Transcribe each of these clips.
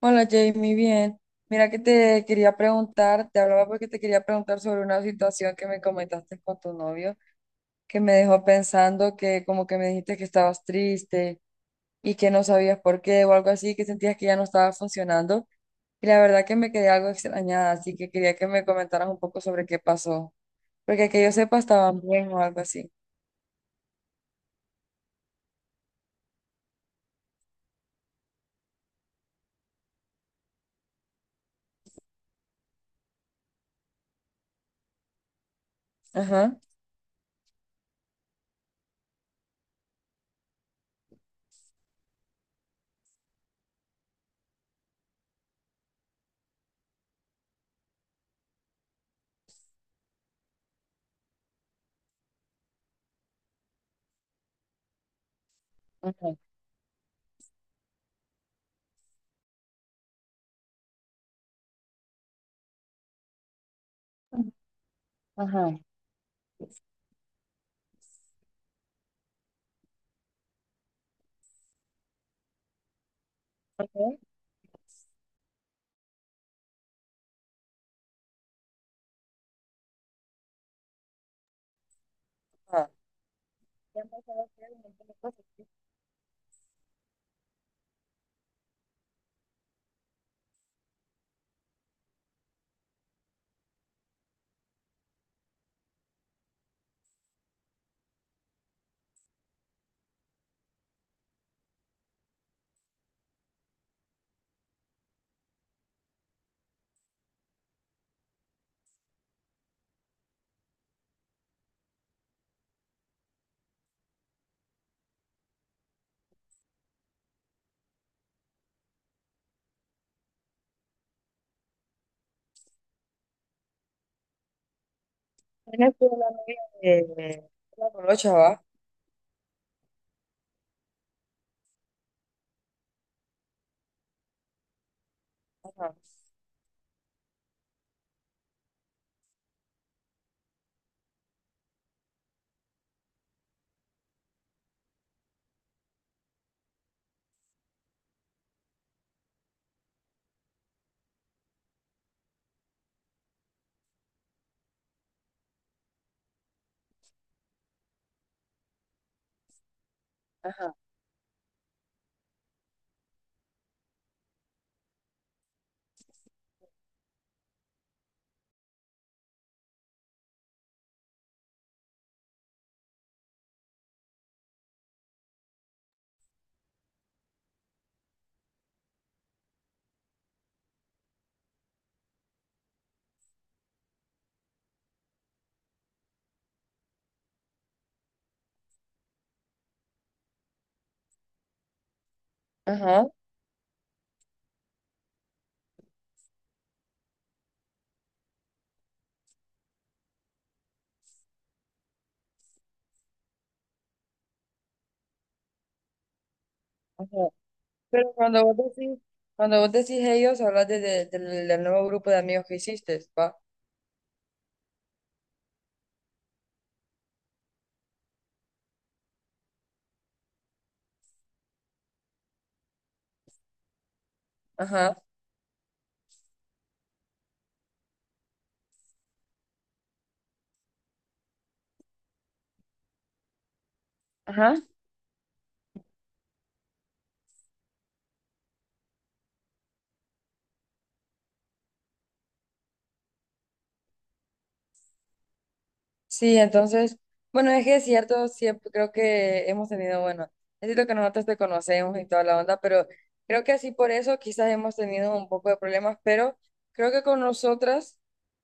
Hola Jamie, bien. Mira que te quería preguntar, te hablaba porque te quería preguntar sobre una situación que me comentaste con tu novio, que me dejó pensando, que como que me dijiste que estabas triste y que no sabías por qué o algo así, que sentías que ya no estaba funcionando. Y la verdad que me quedé algo extrañada, así que quería que me comentaras un poco sobre qué pasó, porque que yo sepa estaban bien o algo así. Ajá. Ajá. Ajá. Ajá. Ana fue la novia de la colocha, ¿va? Ajá, ajá, ajá, ajá. Pero cuando vos decís ellos, hablas de, del nuevo grupo de amigos que hiciste, ¿va? Ajá, ajá. Sí, entonces, bueno, es que es cierto, siempre creo que hemos tenido, bueno, es cierto que nosotros te conocemos y toda la onda, pero creo que así por eso quizás hemos tenido un poco de problemas, pero creo que con nosotras,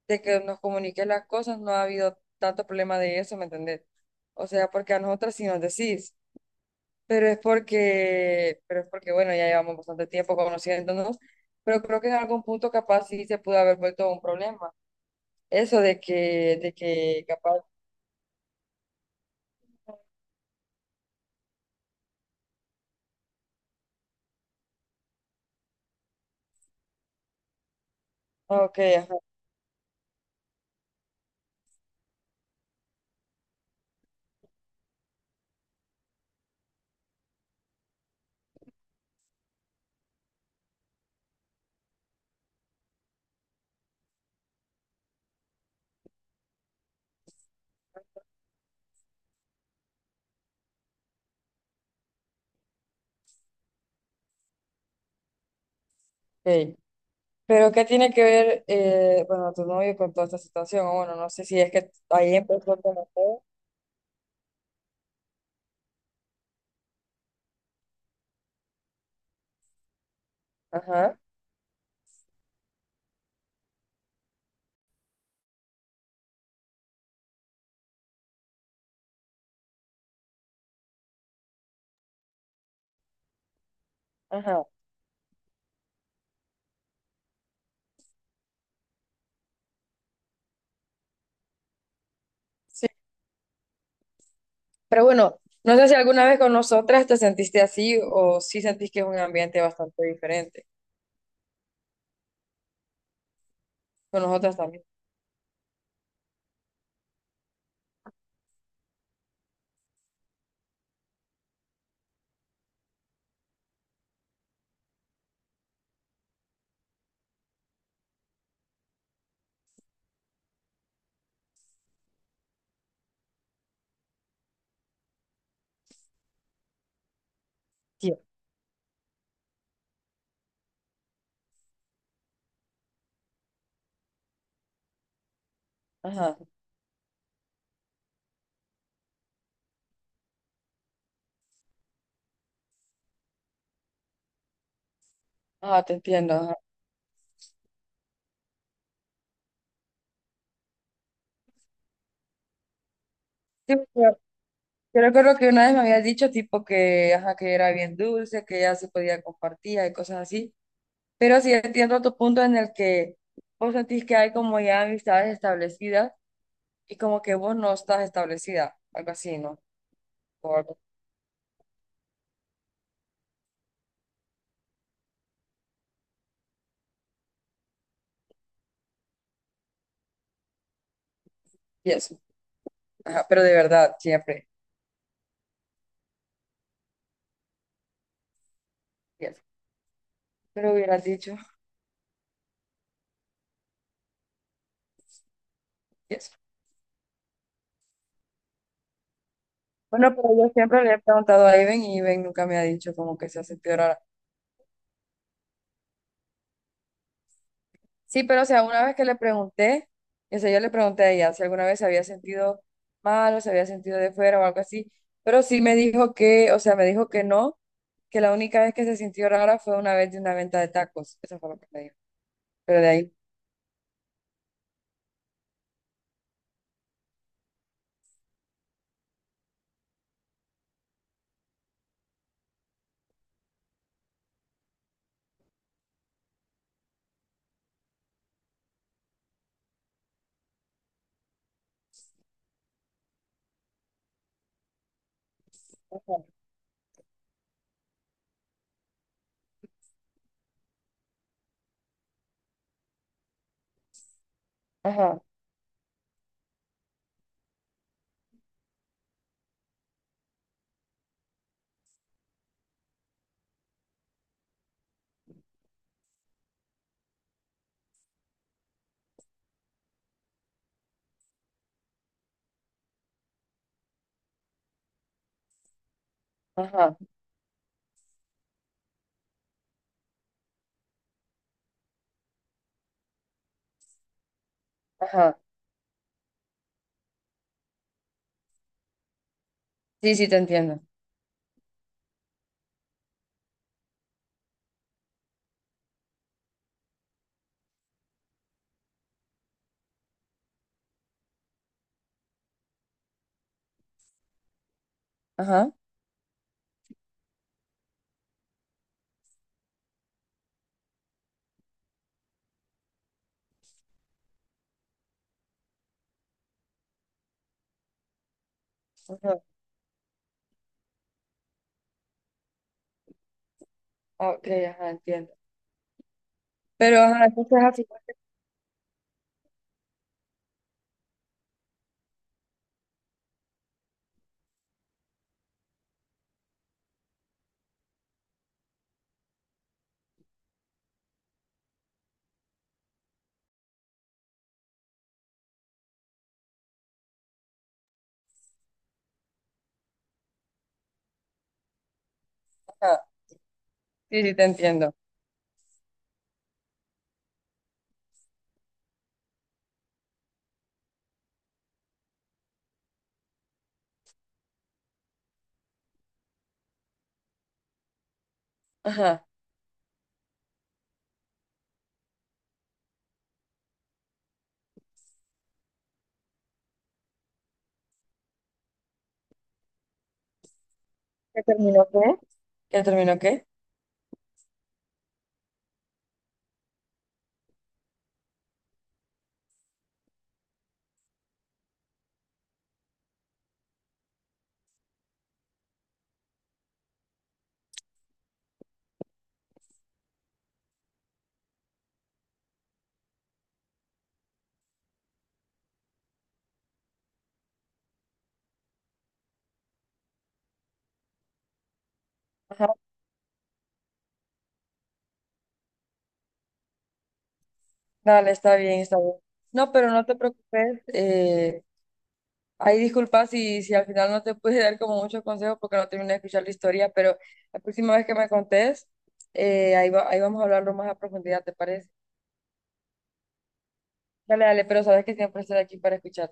de que nos comuniques las cosas, no ha habido tanto problema de eso, ¿me entendés? O sea, porque a nosotras sí nos decís, pero es porque, bueno, ya llevamos bastante tiempo conociéndonos, pero creo que en algún punto capaz sí se pudo haber vuelto un problema. Eso de que capaz... Ok. Ey, pero ¿qué tiene que ver, bueno, tu novio con toda esta situación? O bueno, no sé si es que ahí empezó a conocer. Ajá, ajá. Sí. Pero bueno, no sé si alguna vez con nosotras te sentiste así o si sentís que es un ambiente bastante diferente. Con nosotras también. Sí. Ajá, ajá, te entiendo. Ajá. Sí, pero yo recuerdo que una vez me habías dicho tipo que, ajá, que era bien dulce, que ya se podía compartir y cosas así. Pero sí entiendo tu punto en el que vos sentís que hay como ya amistades establecidas y como que vos no estás establecida, algo así, ¿no? O algo. Y eso. Ajá, pero de verdad, ¿siempre? Y eso. Pero hubieras dicho, y eso. Bueno, pero yo siempre le he preguntado a Iben y Iben nunca me ha dicho como que se ha sentido rara. Sí, pero o sea, una vez que le pregunté, o sea, yo le pregunté a ella si alguna vez se había sentido mal o se había sentido de fuera o algo así, pero sí me dijo que, o sea, me dijo que no, que la única vez que se sintió rara fue una vez de una venta de tacos. Eso fue lo que me dijo. Pero de ahí. Ajá, ajá, ajá, ajá. Sí, sí, te entiendo. Ajá. Ajá. Ok, ajá, entiendo. Pero, ajá, entonces así fue que nada. Sí, sí, te entiendo. Ajá. ¿Ya terminó qué? ¿Ya terminó qué? Ajá. Dale, está bien, está bien. No, pero no te preocupes. Ahí disculpa si, si al final no te pude dar como muchos consejos porque no terminé de escuchar la historia, pero la próxima vez que me contés, ahí ahí vamos a hablarlo más a profundidad, ¿te parece? Dale, dale, pero sabes que siempre estoy aquí para escuchar.